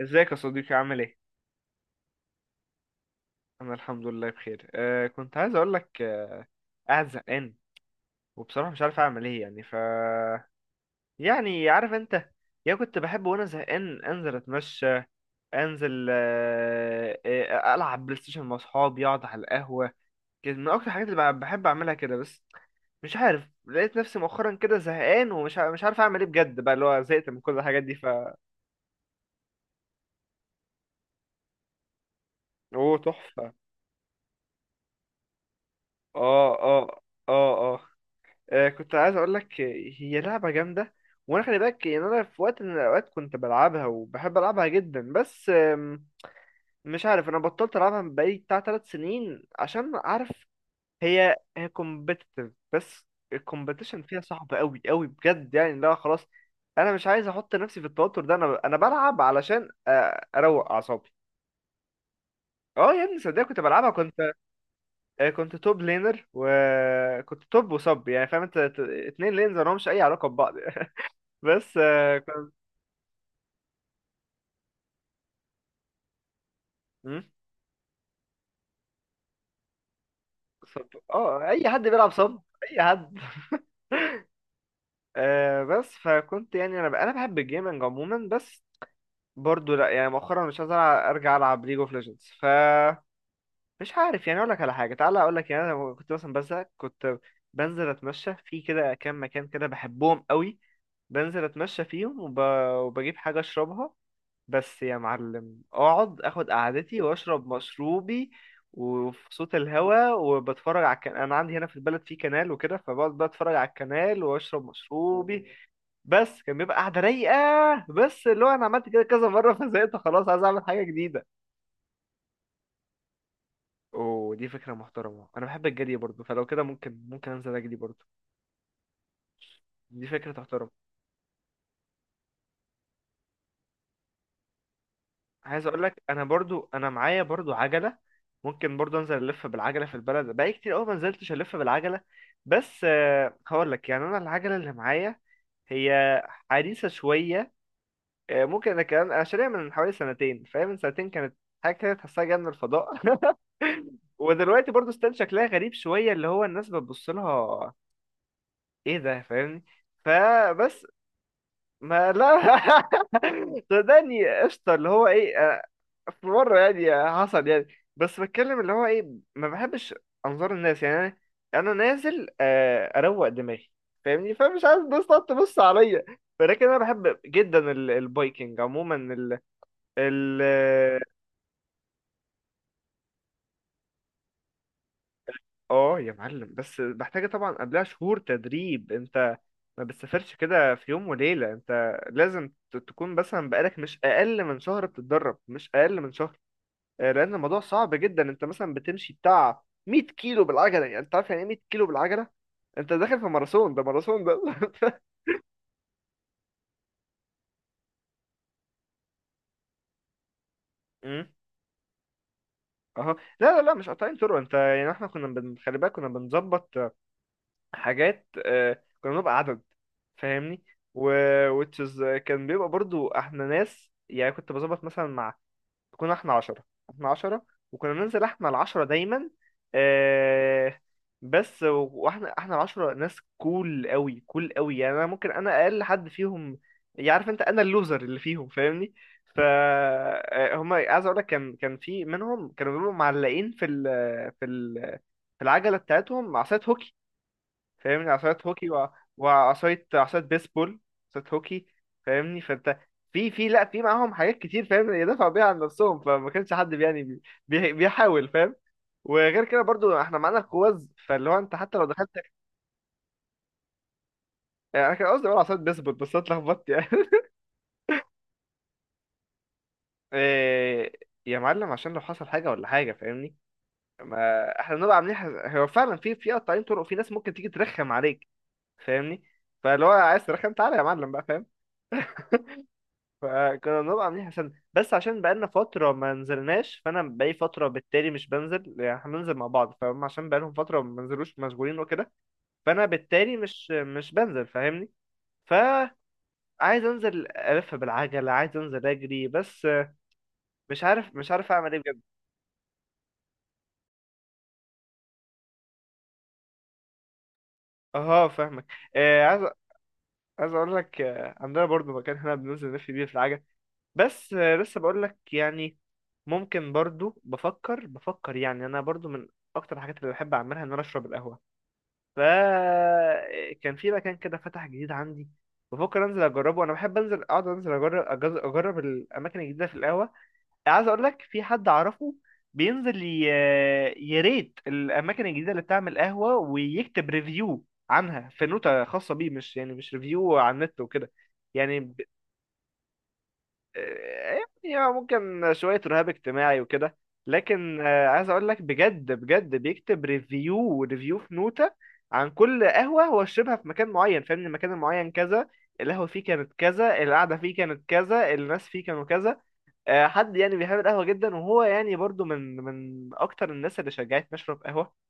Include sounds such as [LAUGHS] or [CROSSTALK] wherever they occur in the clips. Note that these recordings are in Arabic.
ازيك يا صديقي عامل ايه؟ انا الحمد لله بخير، كنت عايز اقول لك، قاعد زهقان وبصراحة مش عارف اعمل ايه يعني. يعني عارف انت، يا كنت بحب وانا زهقان انزل اتمشى، انزل العب بلاي ستيشن مع اصحابي، اقعد على القهوة كده. من اكتر الحاجات اللي بحب اعملها كده. بس مش عارف، لقيت نفسي مؤخرا كده زهقان ومش مش عارف اعمل ايه بجد بقى، اللي هو زهقت من كل الحاجات دي. اوه، تحفة. اه، اه، اه، اه. كنت عايز اقول لك، هي لعبه جامده. وانا خلي بالك، يعني انا في وقت من الاوقات كنت بلعبها وبحب العبها جدا، بس مش عارف. انا بطلت العبها من بقالي بتاع ثلاث سنين، عشان عارف هي كومبيتيتيف، بس الكومبيتيشن فيها صعب قوي قوي بجد. يعني لا، خلاص، انا مش عايز احط نفسي في التوتر ده. انا بلعب علشان اروق اعصابي. اه، يا ابني صدق كنت بلعبها، كنت توب لينر وكنت توب وصب، يعني فاهم انت. اتنين لينز مالهمش اي علاقه ببعض. بس كنت. مم؟ صب. اه، اي حد بيلعب صب، اي حد. بس فكنت يعني، انا بحب الجيمنج عموما، بس برضو لا. يعني مؤخرا مش عايز ارجع العب ليج اوف ليجندز. مش عارف. يعني اقول لك على حاجه، تعالى اقول لك، يعني انا لما كنت مثلا بزهق، كنت بنزل اتمشى في كده كام مكان كده بحبهم قوي. بنزل اتمشى فيهم وبجيب حاجه اشربها. بس يا معلم، اقعد اخد قعدتي واشرب مشروبي، وفي صوت الهوا، وبتفرج على الكنال. انا عندي هنا في البلد في كنال وكده، فبقعد بقى اتفرج على الكنال واشرب مشروبي. بس كان بيبقى قعده رايقه، بس اللي هو انا عملت كده كذا مره [LAUGHS] فزهقت، خلاص عايز اعمل حاجه جديده. ودي فكره محترمه، انا بحب الجري برضه، فلو كده ممكن انزل اجري برضه. دي فكره. عايز اقول لك، انا برضو انا معايا برضو عجله. ممكن برضو انزل الف بالعجله في البلد، بقالي كتير قوي ما نزلتش الف بالعجله. بس هقول لك يعني، انا العجله اللي معايا هي حديثه شويه. ممكن، انا كان شاريها من حوالي سنتين، فاهم، من سنتين كانت حاجه كده تحسها جايه من الفضاء. [LAUGHS] ودلوقتي برضو ستيل شكلها غريب شويه، اللي هو الناس بتبص لها. ايه ده، فاهمني؟ فبس. ما لا. [LAUGHS] صدقني قشطه، اللي هو ايه، في مرة يعني حصل يعني، بس بتكلم اللي هو ايه، ما بحبش انظار الناس. يعني انا، انا نازل اروق دماغي، فاهمني، فمش عايز الناس تقعد تبص عليا. ولكن انا بحب جدا البايكنج عموما. ال ال اه، يا معلم، بس محتاجة طبعا قبلها شهور تدريب. انت ما بتسافرش كده في يوم وليلة، انت لازم تكون مثلا بقالك مش اقل من شهر بتتدرب، مش اقل من شهر. لان الموضوع صعب جدا. انت مثلا بتمشي بتاع 100 كيلو بالعجله، يعني انت عارف يعني ايه 100 كيلو بالعجله؟ انت داخل في ماراثون، ده ماراثون ده. [LAUGHS] امم اهو، لا، لا، لا، مش قاطعين طرق. انت يعني احنا كنا خلي بالك كنا بنظبط حاجات، كنا بنبقى عدد، فاهمني. و which is كان بيبقى برضو احنا ناس يعني، كنت بظبط مثلا مع، كنا احنا عشرة، احنا عشرة، وكنا ننزل احنا العشرة دايما. آه بس واحنا العشرة ناس كول قوي كول قوي. يعني انا ممكن اقل حد فيهم، يعرف انت، انا اللوزر اللي فيهم فاهمني. ف آه، هما، عايز اقول لك، كان في منهم كانوا بيبقوا معلقين في ال في العجلة بتاعتهم عصاية هوكي، فاهمني، عصاية هوكي وعصاية بيسبول. عصاية هوكي، فاهمني. فانت في في لا في معاهم حاجات كتير، فاهم، يدافعوا بيها عن نفسهم، فما كانش حد يعني بيحاول، فاهم. وغير كده برضو احنا معانا القوز، فاللي هو انت حتى لو دخلت، يعني انا كان قصدي اقول عصاية بيسبول بس أنا اتلخبطت يعني. [LAUGHS] إيه، يا معلم عشان لو حصل حاجة ولا حاجة، فاهمني. ما احنا بنبقى عاملين هو فعلا في قطاعين طرق، في ناس ممكن تيجي ترخم عليك، فاهمني. فاللي هو عايز ترخم، تعالى يا معلم بقى، فاهم. فكنا بنبقى عاملين حساب. بس عشان بقالنا فترة ما نزلناش، فأنا بقالي فترة بالتالي مش بنزل. يعني احنا بننزل مع بعض، فهم عشان بقالهم فترة ما بنزلوش، مشغولين وكده. فأنا بالتالي مش بنزل، فاهمني. فعايز أنزل ألف بالعجلة، عايز أنزل أجري. بس مش عارف أعمل إيه بجد. أه، فاهمك. آه، عايز عايز أقول لك، عندنا برضو مكان هنا بننزل نلف بيه في العجل. بس لسه بقول لك يعني. ممكن برضو بفكر يعني، أنا برضو من أكتر الحاجات اللي بحب أعملها إن أنا أشرب القهوة. فكان في مكان كده فتح جديد عندي، بفكر انزل اجربه. انا بحب انزل اقعد انزل اجرب اجرب الاماكن الجديده في القهوه. عايز اقول لك، في حد اعرفه بينزل يريت الاماكن الجديده اللي بتعمل قهوه، ويكتب ريفيو عنها في نوتة خاصه بيه، مش يعني مش ريفيو على النت وكده يعني. يعني هو ممكن شوية رهاب اجتماعي وكده، لكن عايز اقول لك، بجد بجد بيكتب ريفيو في نوتة عن كل قهوة هو شربها في مكان معين، فاهم، المكان المعين كذا، القهوة فيه كانت كذا، القعدة فيه كانت كذا، الناس فيه كانوا كذا. حد يعني بيحب القهوة جدا، وهو يعني برضو من اكتر الناس اللي شجعتني اشرب قهوة،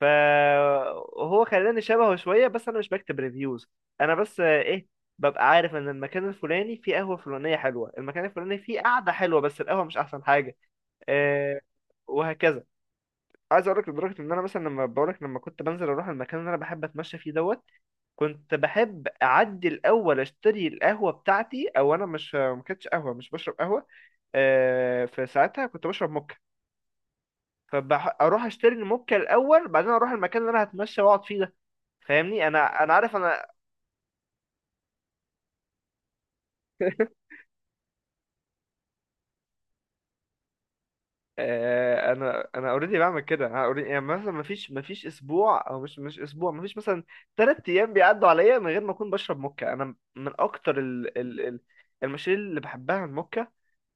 فهو خلاني شبهه شوية، بس أنا مش بكتب ريفيوز. أنا بس آه، إيه ببقى عارف إن المكان الفلاني فيه قهوة فلانية حلوة، المكان الفلاني فيه قعدة حلوة، بس القهوة مش أحسن حاجة. آه. وهكذا. عايز أقولك، لدرجة إن أنا مثلا، لما بقولك لما كنت بنزل أروح المكان اللي أنا بحب أتمشى فيه دوت، كنت بحب أعدي الأول أشتري القهوة بتاعتي. أو أنا مش، ما كانتش قهوة، مش بشرب قهوة، في ساعتها كنت بشرب موكا. فأروح أشتري الموكا الأول، بعدين أروح المكان اللي أنا هتمشى وأقعد فيه ده. فاهمني، انا عارف انا. [LAUGHS] انا اوريدي بعمل كده، انا اوريدي يعني، مثلا مفيش اسبوع او مش اسبوع، مفيش مثلا ثلاث ايام بيعدوا عليا من غير ما اكون بشرب موكا. انا من اكتر ال ال ال المشاريب اللي بحبها الموكا،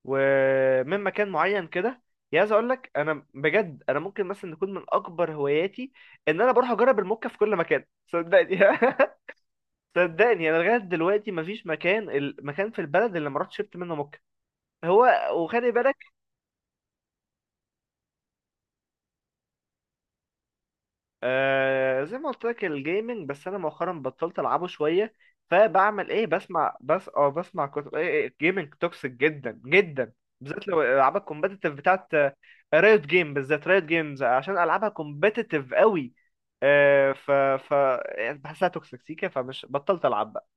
ومن مكان معين كده. يا، عايز اقول لك، انا بجد، انا ممكن مثلا يكون من اكبر هواياتي ان انا بروح اجرب الموكا في كل مكان، صدقني. [LAUGHS] صدقني، انا لغايه دلوقتي مفيش المكان في البلد اللي ما رحتش شربت منه موكا. هو، وخلي بالك، زي ما قلت لك، الجيمنج. بس انا مؤخرا بطلت العبه شويه، فبعمل ايه؟ بسمع. بس بسمع كتب. ايه، الجيمنج توكسيك جدا جدا، بالذات لو العاب الكومبetitive بتاعت رايوت جيم، بالذات رايوت جيمز عشان العابها كومبetitive قوي. آه ف ف يعني بحسها توكسيك سيكا، فمش، بطلت العب بقى.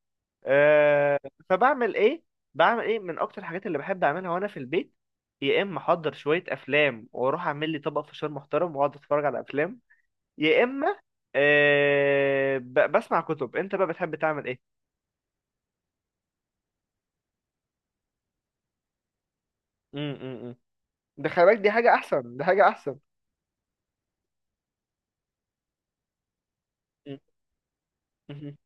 آه فبعمل ايه؟ بعمل ايه من اكتر الحاجات اللي بحب اعملها وانا في البيت. يا اما احضر شويه افلام واروح اعمل لي طبق فشار محترم واقعد اتفرج على افلام، يا اما بسمع كتب. انت بقى بتحب تعمل ايه؟ مم، مم، مم. ده خلي بالك دي حاجه احسن، دي حاجه احسن. مم، مم،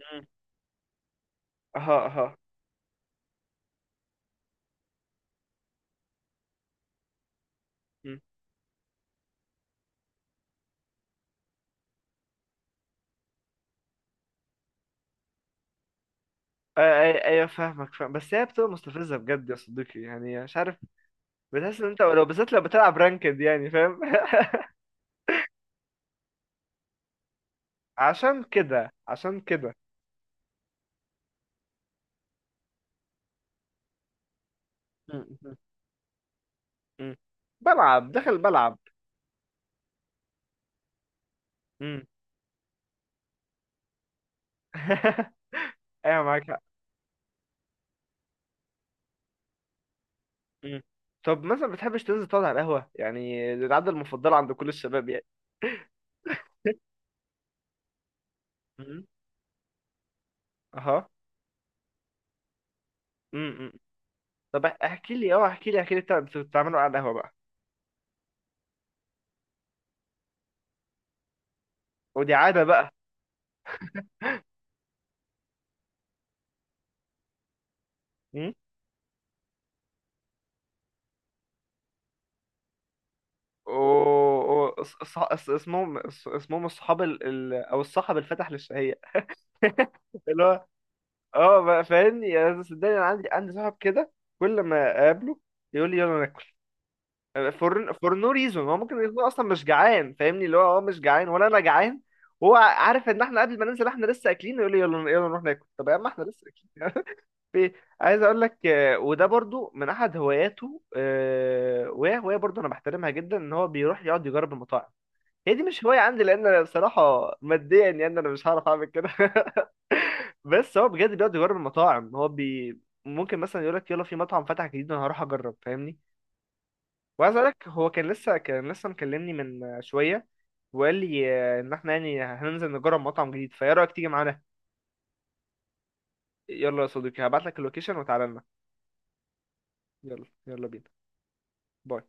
مم، اها، اها. مم. ايوه، أيوة، فاهمك فاهم. بس هي بتبقى مستفزه بجد يا صديقي، يعني مش عارف. بتحس ان انت، بالذات لو بتلعب رانكد يعني، فاهم. [LAUGHS] عشان كده، عشان كده. مم، مم، مم. بلعب داخل بلعب. مم. [LAUGHS] ايوه معاك حق. مم. طب مثلا بتحبش تنزل تقعد على القهوه يعني؟ دي العاده المفضله عند كل الشباب يعني. اها. امم. طب احكي لي اه احكي لي احكي لي انت بتعملوا على القهوه بقى. ودي عاده بقى. مم. و... اسمهم الصحاب او الصحب الفتح للشهيه، اللي هو اه بقى فاهمني. يا، صدقني انا عندي صاحب كده، كل ما اقابله يقول لي يلا ناكل، فور نو ريزون. هو ممكن يكون اصلا مش جعان، فاهمني، اللي هو مش جعان ولا انا جعان. هو عارف ان احنا قبل ما ننزل احنا لسه اكلين، يقول لي يلا يلا نروح ناكل. طب يا عم احنا لسه اكلين. في، عايز اقول لك، وده برضو من احد هواياته، وهي هوايه برضو انا بحترمها جدا، ان هو بيروح يقعد يجرب المطاعم. هي دي مش هوايه عندي لان انا بصراحه ماديا يعني انا مش هعرف اعمل كده. [LAUGHS] بس هو بجد بيقعد يجرب المطاعم. هو ممكن مثلا يقول لك يلا، في مطعم فتح جديد، انا هروح اجرب، فاهمني. وعايز اقول لك، هو كان لسه مكلمني من شويه، وقال لي ان احنا يعني هننزل نجرب مطعم جديد، فايه رايك تيجي معانا؟ يلا يا صديقي، هبعت لك اللوكيشن وتعالى لنا. يلا يلا بينا. باي.